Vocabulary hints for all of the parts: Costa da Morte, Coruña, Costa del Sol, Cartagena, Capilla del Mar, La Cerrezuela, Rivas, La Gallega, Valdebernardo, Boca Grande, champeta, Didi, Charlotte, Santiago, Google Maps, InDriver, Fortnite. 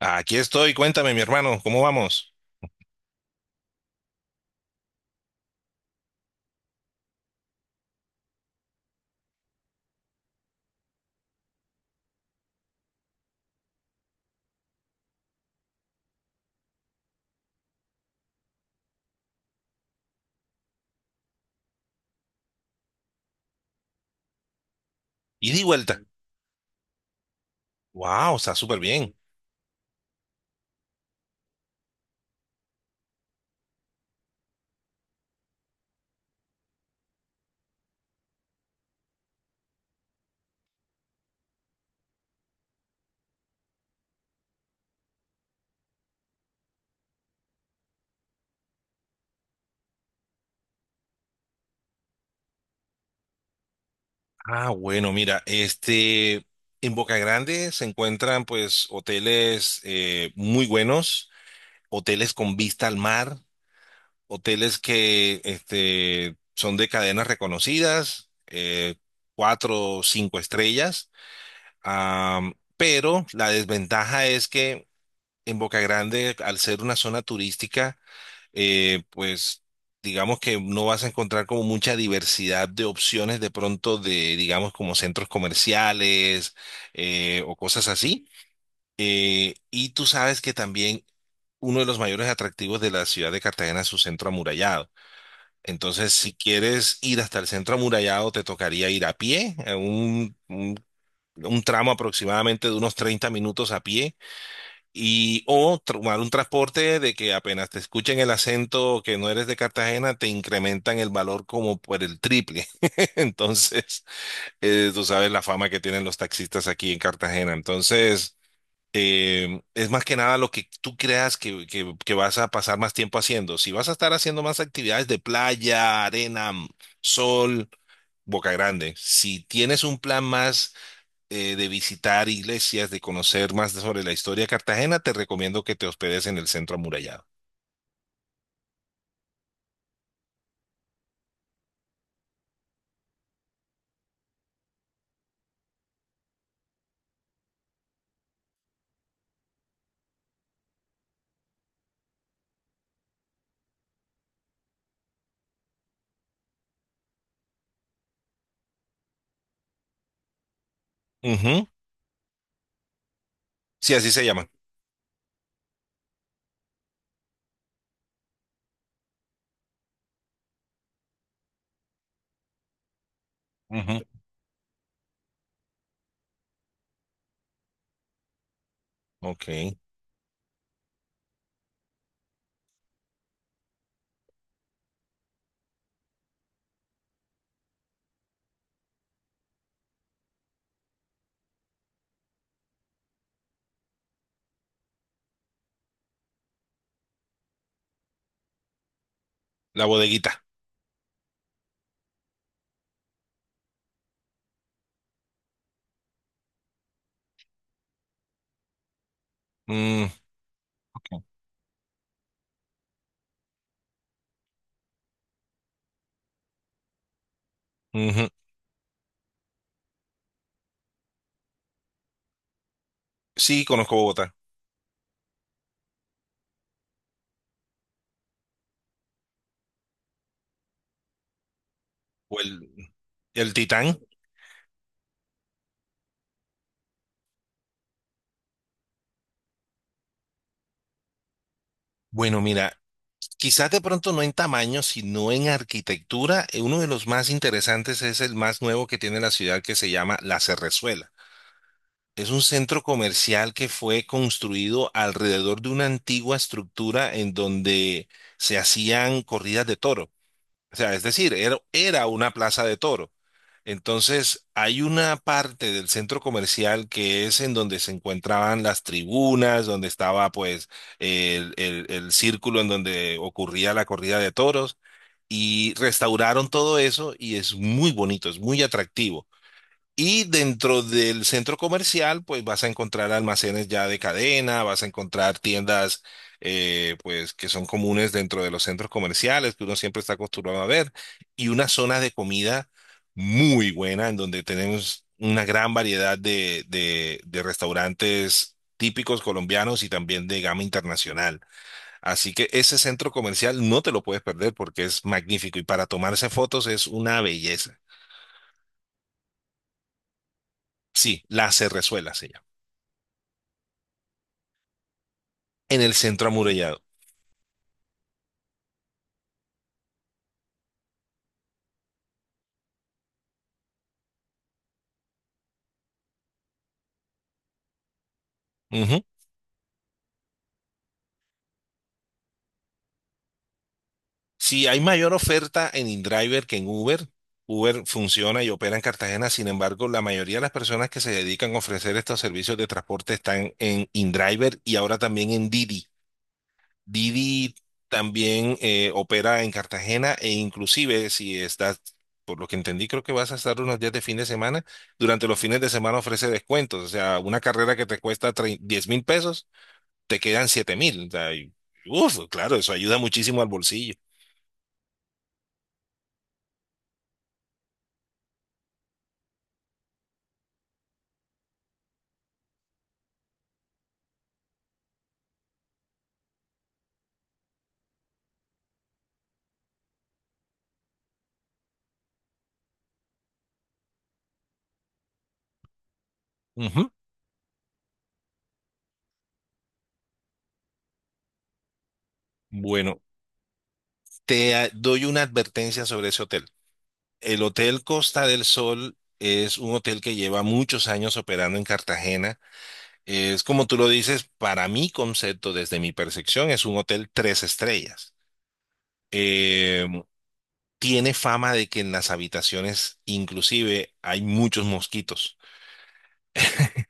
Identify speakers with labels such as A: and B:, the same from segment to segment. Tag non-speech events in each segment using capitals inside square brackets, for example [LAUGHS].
A: Aquí estoy, cuéntame, mi hermano, ¿cómo vamos? Y di vuelta. Wow, está súper bien. Ah, bueno, mira, en Boca Grande se encuentran pues hoteles muy buenos, hoteles con vista al mar, hoteles que son de cadenas reconocidas, cuatro o cinco estrellas. Pero la desventaja es que en Boca Grande, al ser una zona turística, pues digamos que no vas a encontrar como mucha diversidad de opciones de pronto de, digamos, como centros comerciales o cosas así. Y tú sabes que también uno de los mayores atractivos de la ciudad de Cartagena es su centro amurallado. Entonces, si quieres ir hasta el centro amurallado, te tocaría ir a pie, a un tramo aproximadamente de unos 30 minutos a pie, y o tomar un transporte de que apenas te escuchen el acento que no eres de Cartagena, te incrementan el valor como por el triple. [LAUGHS] Entonces, tú sabes la fama que tienen los taxistas aquí en Cartagena. Entonces, es más que nada lo que tú creas que, que vas a pasar más tiempo haciendo. Si vas a estar haciendo más actividades de playa, arena, sol, Boca Grande. Si tienes un plan más de visitar iglesias, de conocer más sobre la historia de Cartagena, te recomiendo que te hospedes en el centro amurallado. Ujú. Sí, así se llama. Ujú. Ok. La bodeguita. Mm, ok. Ujú. Sí, conozco Bogotá. O el Titán. Bueno, mira, quizás de pronto no en tamaño, sino en arquitectura. Uno de los más interesantes es el más nuevo que tiene la ciudad, que se llama La Cerrezuela. Es un centro comercial que fue construido alrededor de una antigua estructura en donde se hacían corridas de toro. O sea, es decir, era una plaza de toro. Entonces, hay una parte del centro comercial que es en donde se encontraban las tribunas, donde estaba pues el círculo en donde ocurría la corrida de toros, y restauraron todo eso y es muy bonito, es muy atractivo. Y dentro del centro comercial, pues vas a encontrar almacenes ya de cadena, vas a encontrar tiendas, pues que son comunes dentro de los centros comerciales, que uno siempre está acostumbrado a ver, y una zona de comida muy buena, en donde tenemos una gran variedad de, de restaurantes típicos colombianos y también de gama internacional. Así que ese centro comercial no te lo puedes perder porque es magnífico, y para tomarse fotos es una belleza. Sí, La Cerrezuela se llama. En el centro amurallado. Ujú. Si hay mayor oferta en InDriver que en Uber. Uber funciona y opera en Cartagena; sin embargo, la mayoría de las personas que se dedican a ofrecer estos servicios de transporte están en InDriver, y ahora también en Didi también opera en Cartagena, e inclusive si estás, por lo que entendí, creo que vas a estar unos días de fin de semana, durante los fines de semana ofrece descuentos. O sea, una carrera que te cuesta 10.000 pesos, te quedan 7.000. O sea, y, uf, claro, eso ayuda muchísimo al bolsillo. Ujú. Bueno, te doy una advertencia sobre ese hotel. El Hotel Costa del Sol es un hotel que lleva muchos años operando en Cartagena. Es como tú lo dices, para mi concepto, desde mi percepción, es un hotel tres estrellas. Eh, Tiene fama de que en las habitaciones inclusive hay muchos mosquitos.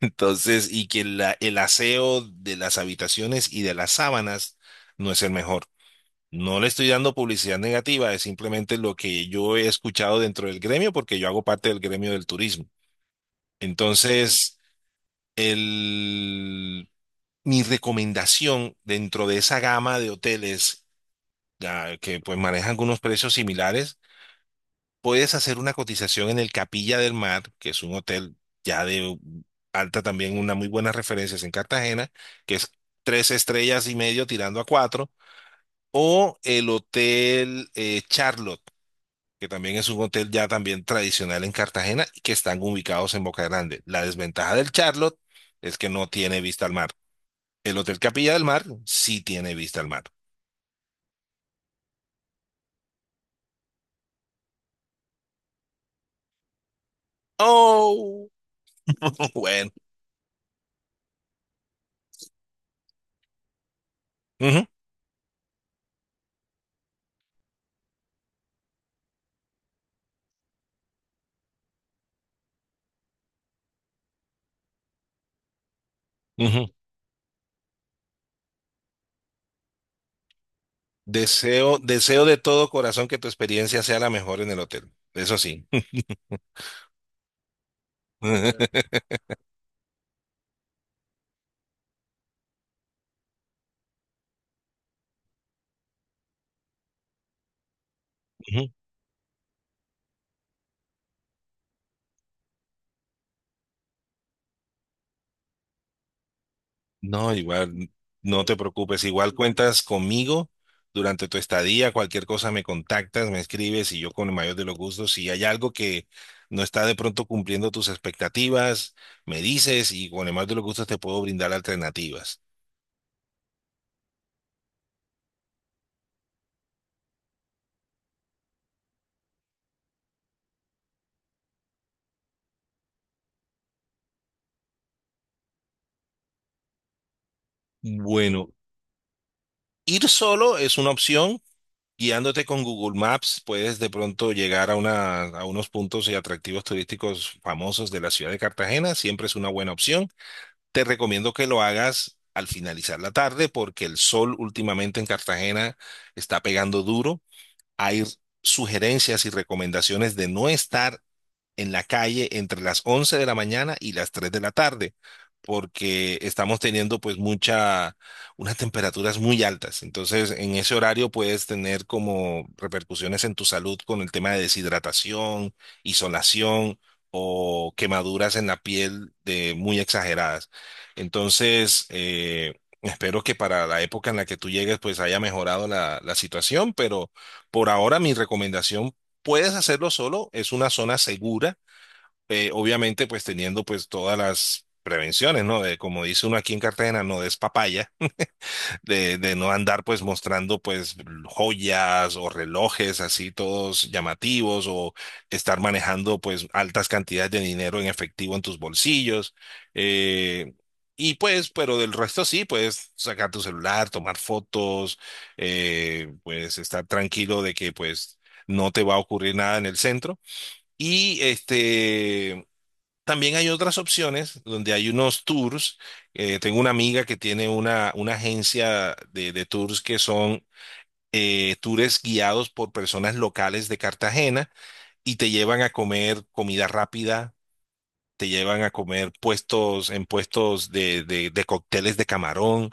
A: Entonces, y que el aseo de las habitaciones y de las sábanas no es el mejor. No le estoy dando publicidad negativa, es simplemente lo que yo he escuchado dentro del gremio, porque yo hago parte del gremio del turismo. Entonces, el, mi recomendación dentro de esa gama de hoteles, que pues manejan algunos precios similares: puedes hacer una cotización en el Capilla del Mar, que es un hotel ya de alta también, una muy buenas referencias en Cartagena, que es tres estrellas y medio tirando a cuatro; o el Hotel Charlotte, que también es un hotel ya también tradicional en Cartagena y que están ubicados en Boca Grande. La desventaja del Charlotte es que no tiene vista al mar. El Hotel Capilla del Mar sí tiene vista al mar. Oh, [LAUGHS] bueno. Ujú, ujú. Deseo, deseo de todo corazón que tu experiencia sea la mejor en el hotel. Eso sí. [LAUGHS] Ujú. No, igual, no te preocupes. Igual cuentas conmigo durante tu estadía. Cualquier cosa me contactas, me escribes y yo con el mayor de los gustos. Si hay algo que no está de pronto cumpliendo tus expectativas, me dices y con el mayor de los gustos te puedo brindar alternativas. Bueno, ir solo es una opción. Guiándote con Google Maps, puedes de pronto llegar a unos puntos y atractivos turísticos famosos de la ciudad de Cartagena. Siempre es una buena opción. Te recomiendo que lo hagas al finalizar la tarde, porque el sol últimamente en Cartagena está pegando duro. Hay sugerencias y recomendaciones de no estar en la calle entre las 11 de la mañana y las 3 de la tarde, porque estamos teniendo pues unas temperaturas muy altas. Entonces, en ese horario puedes tener como repercusiones en tu salud con el tema de deshidratación, insolación o quemaduras en la piel de muy exageradas. Entonces, espero que para la época en la que tú llegues pues haya mejorado la situación, pero por ahora mi recomendación: puedes hacerlo solo, es una zona segura, obviamente pues teniendo pues todas las prevenciones, ¿no? De, como dice uno aquí en Cartagena, no des papaya, [LAUGHS] de, no andar pues mostrando pues joyas o relojes así todos llamativos, o estar manejando pues altas cantidades de dinero en efectivo en tus bolsillos. eh, y pues, pero del resto sí, puedes sacar tu celular, tomar fotos, pues estar tranquilo de que pues no te va a ocurrir nada en el centro. Y también hay otras opciones donde hay unos tours. Tengo una amiga que tiene una agencia de, tours, que son tours guiados por personas locales de Cartagena, y te llevan a comer comida rápida, te llevan a comer puestos en puestos de, de cócteles de camarón,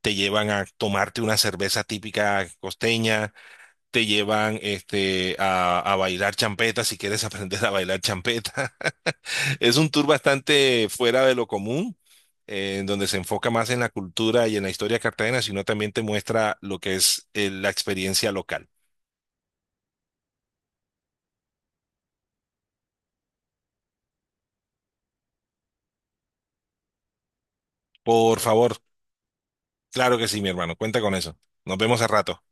A: te llevan a tomarte una cerveza típica costeña, te llevan a bailar champeta, si quieres [LAUGHS] aprender a bailar champeta. Es un tour bastante fuera de lo común, en donde se enfoca más en la cultura y en la historia de Cartagena, sino también te muestra lo que es la experiencia local. Por favor, claro que sí, mi hermano, cuenta con eso. Nos vemos a rato.